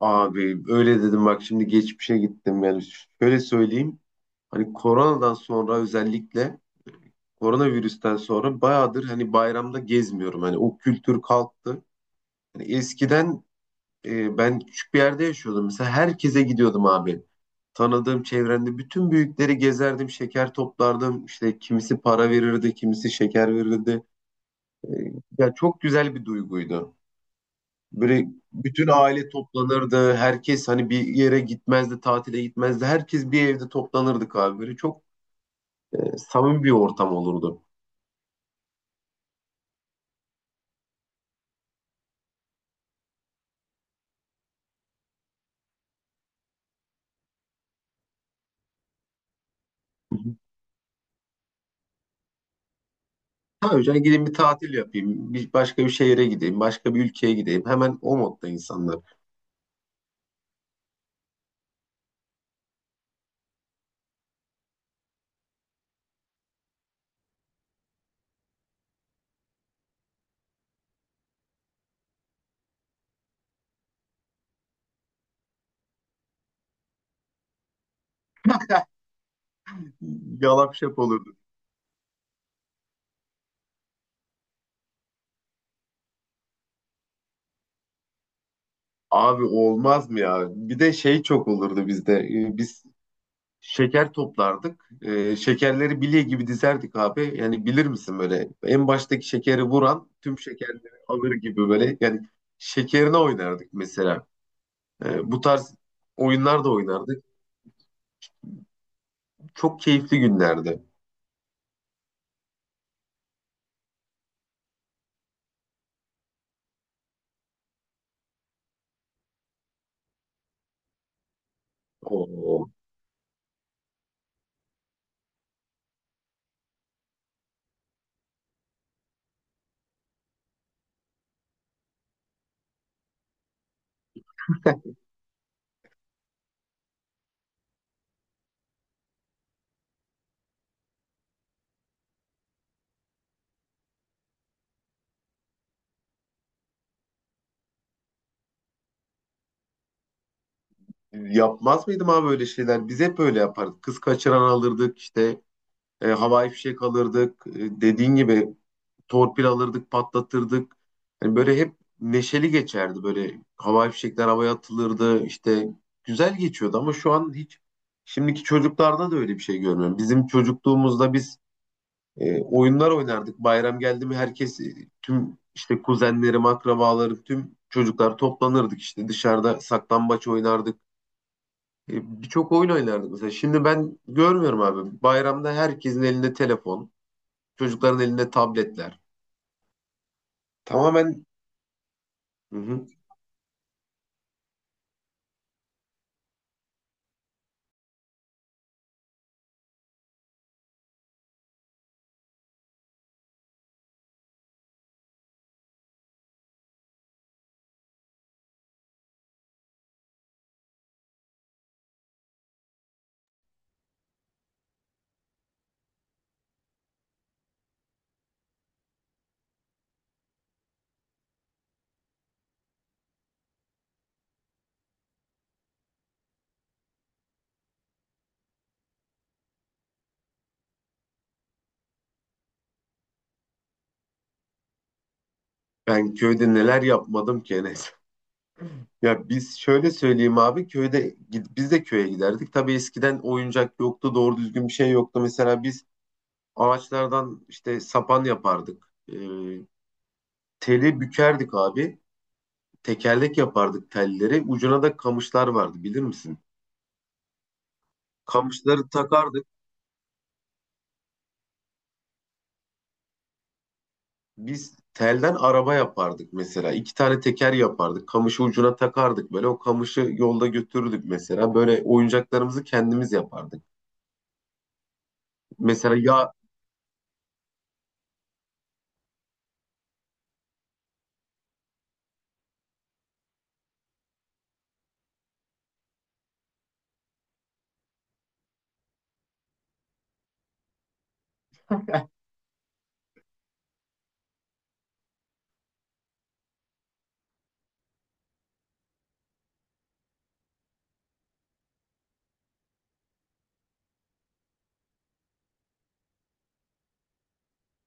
Abi öyle dedim, bak şimdi geçmişe gittim. Yani şöyle söyleyeyim, hani koronadan sonra özellikle, koronavirüsten sonra bayağıdır hani bayramda gezmiyorum, hani o kültür kalktı. Hani eskiden ben küçük bir yerde yaşıyordum, mesela herkese gidiyordum abi, tanıdığım çevrende bütün büyükleri gezerdim, şeker toplardım, işte kimisi para verirdi, kimisi şeker verirdi. E, Ya, çok güzel bir duyguydu. Böyle bütün aile toplanırdı. Herkes hani bir yere gitmezdi, tatile gitmezdi. Herkes bir evde toplanırdık abi. Böyle çok samimi bir ortam olurdu. Hı hı. Ha hocam, gideyim bir tatil yapayım. Başka bir şehire gideyim. Başka bir ülkeye gideyim. Hemen o modda insanlar. Yalap şap olurdu. Abi olmaz mı ya? Bir de şey çok olurdu bizde. Biz şeker toplardık. Şekerleri bilye gibi dizerdik abi. Yani bilir misin, böyle en baştaki şekeri vuran tüm şekerleri alır gibi, böyle yani şekerine oynardık mesela. Bu tarz oyunlar da oynardık. Çok keyifli günlerdi. Oo. Yapmaz mıydım abi öyle şeyler? Biz hep öyle yapardık. Kız kaçıran alırdık, işte havai fişek alırdık. Dediğin gibi torpil alırdık, patlatırdık. Hani böyle hep neşeli geçerdi. Böyle havai fişekler havaya atılırdı. İşte güzel geçiyordu ama şu an hiç, şimdiki çocuklarda da öyle bir şey görmüyorum. Bizim çocukluğumuzda biz oyunlar oynardık. Bayram geldi mi herkes, tüm işte kuzenlerim, akrabalarım, tüm çocuklar toplanırdık, işte dışarıda saklambaç oynardık. Birçok oyun oynardık mesela. Şimdi ben görmüyorum abi. Bayramda herkesin elinde telefon, çocukların elinde tabletler. Tamamen. Hı hı. Ben köyde neler yapmadım ki Enes. Ya biz şöyle söyleyeyim abi, köyde biz de köye giderdik. Tabii eskiden oyuncak yoktu, doğru düzgün bir şey yoktu. Mesela biz ağaçlardan işte sapan yapardık. Ee, Teli bükerdik abi. Tekerlek yapardık telleri. Ucuna da kamışlar vardı, bilir misin? Kamışları takardık. Biz telden araba yapardık mesela. İki tane teker yapardık. Kamışı ucuna takardık böyle. O kamışı yolda götürürdük mesela. Böyle oyuncaklarımızı kendimiz yapardık. Mesela yağ.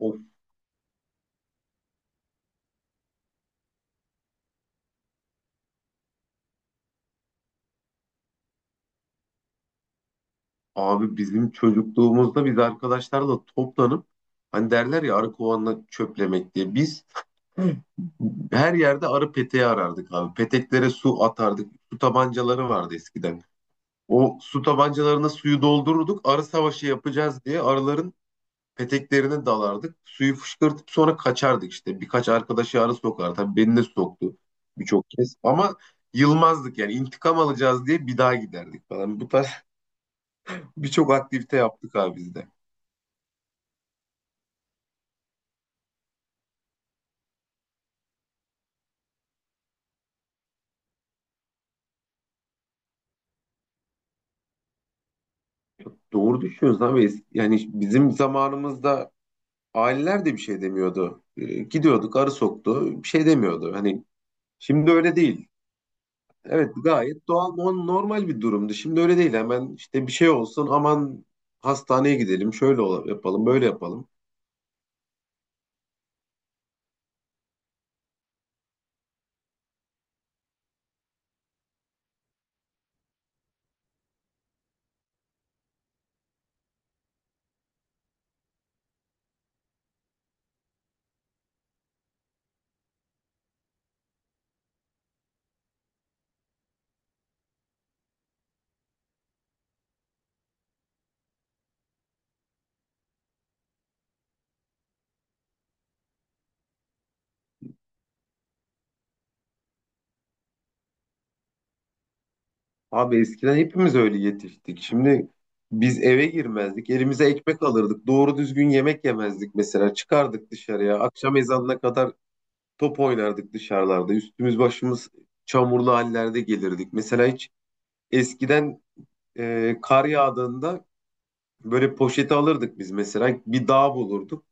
Of, abi bizim çocukluğumuzda biz arkadaşlarla toplanıp, hani derler ya arı kovanla çöplemek diye. Biz, hı, her yerde arı peteği arardık abi. Peteklere su atardık. Su tabancaları vardı eskiden. O su tabancalarına suyu doldururduk. Arı savaşı yapacağız diye arıların peteklerine dalardık. Suyu fışkırtıp sonra kaçardık işte. Birkaç arkadaşı arı sokar. Tabii beni de soktu birçok kez. Ama yılmazdık, yani intikam alacağız diye bir daha giderdik falan. Bu tarz birçok aktivite yaptık abi biz de. Doğru düşünüyorsun abi. Yani bizim zamanımızda aileler de bir şey demiyordu. Gidiyorduk, arı soktu, bir şey demiyordu. Hani şimdi öyle değil. Evet gayet doğal, normal bir durumdu. Şimdi öyle değil. Hemen işte bir şey olsun, aman hastaneye gidelim, şöyle yapalım, böyle yapalım. Abi eskiden hepimiz öyle yetiştik. Şimdi biz eve girmezdik. Elimize ekmek alırdık. Doğru düzgün yemek yemezdik mesela. Çıkardık dışarıya. Akşam ezanına kadar top oynardık dışarılarda. Üstümüz başımız çamurlu hallerde gelirdik. Mesela hiç, eskiden kar yağdığında böyle poşeti alırdık biz mesela. Bir dağ bulurduk.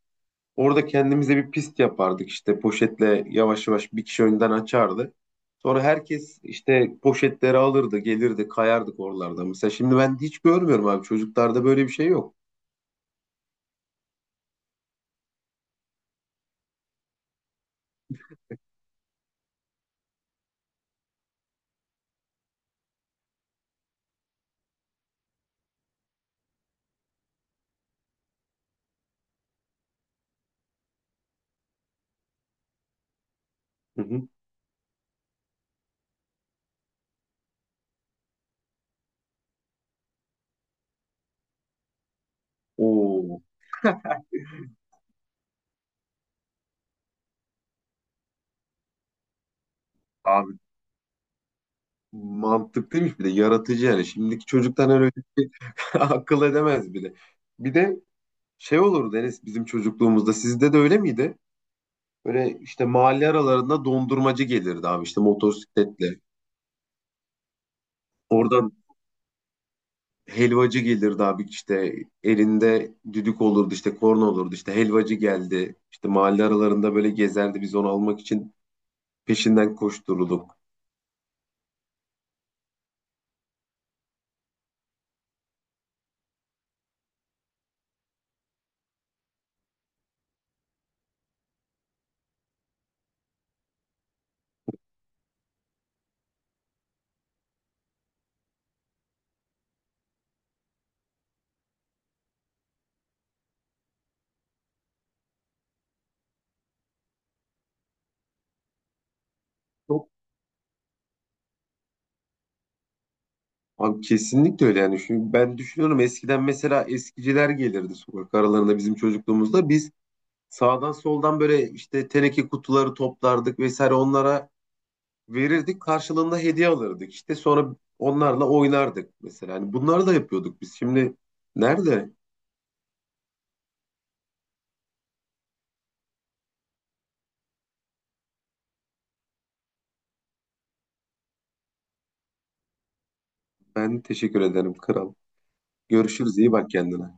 Orada kendimize bir pist yapardık, işte poşetle yavaş yavaş bir kişi önden açardı. Sonra herkes işte poşetleri alırdı, gelirdi, kayardık oralarda. Mesela şimdi ben hiç görmüyorum abi. Çocuklarda böyle bir şey yok. Hı hı. Oo. Abi mantıklıymış, bir de yaratıcı yani. Şimdiki çocuktan öyle bir şey akıl edemez bile. Bir de şey olurdu Enes, bizim çocukluğumuzda sizde de öyle miydi? Böyle işte mahalle aralarında dondurmacı gelirdi abi, işte motosikletle. Oradan helvacı gelirdi abi, işte elinde düdük olurdu, işte korna olurdu, işte helvacı geldi. İşte mahalle aralarında böyle gezerdi, biz onu almak için peşinden koştururduk. Çok. Abi kesinlikle öyle yani. Şimdi ben düşünüyorum, eskiden mesela eskiciler gelirdi sokak aralarında bizim çocukluğumuzda. Biz sağdan soldan böyle işte teneke kutuları toplardık vesaire, onlara verirdik. Karşılığında hediye alırdık. İşte sonra onlarla oynardık mesela. Yani bunları da yapıyorduk biz. Şimdi nerede? Ben teşekkür ederim kral. Görüşürüz. İyi bak kendine.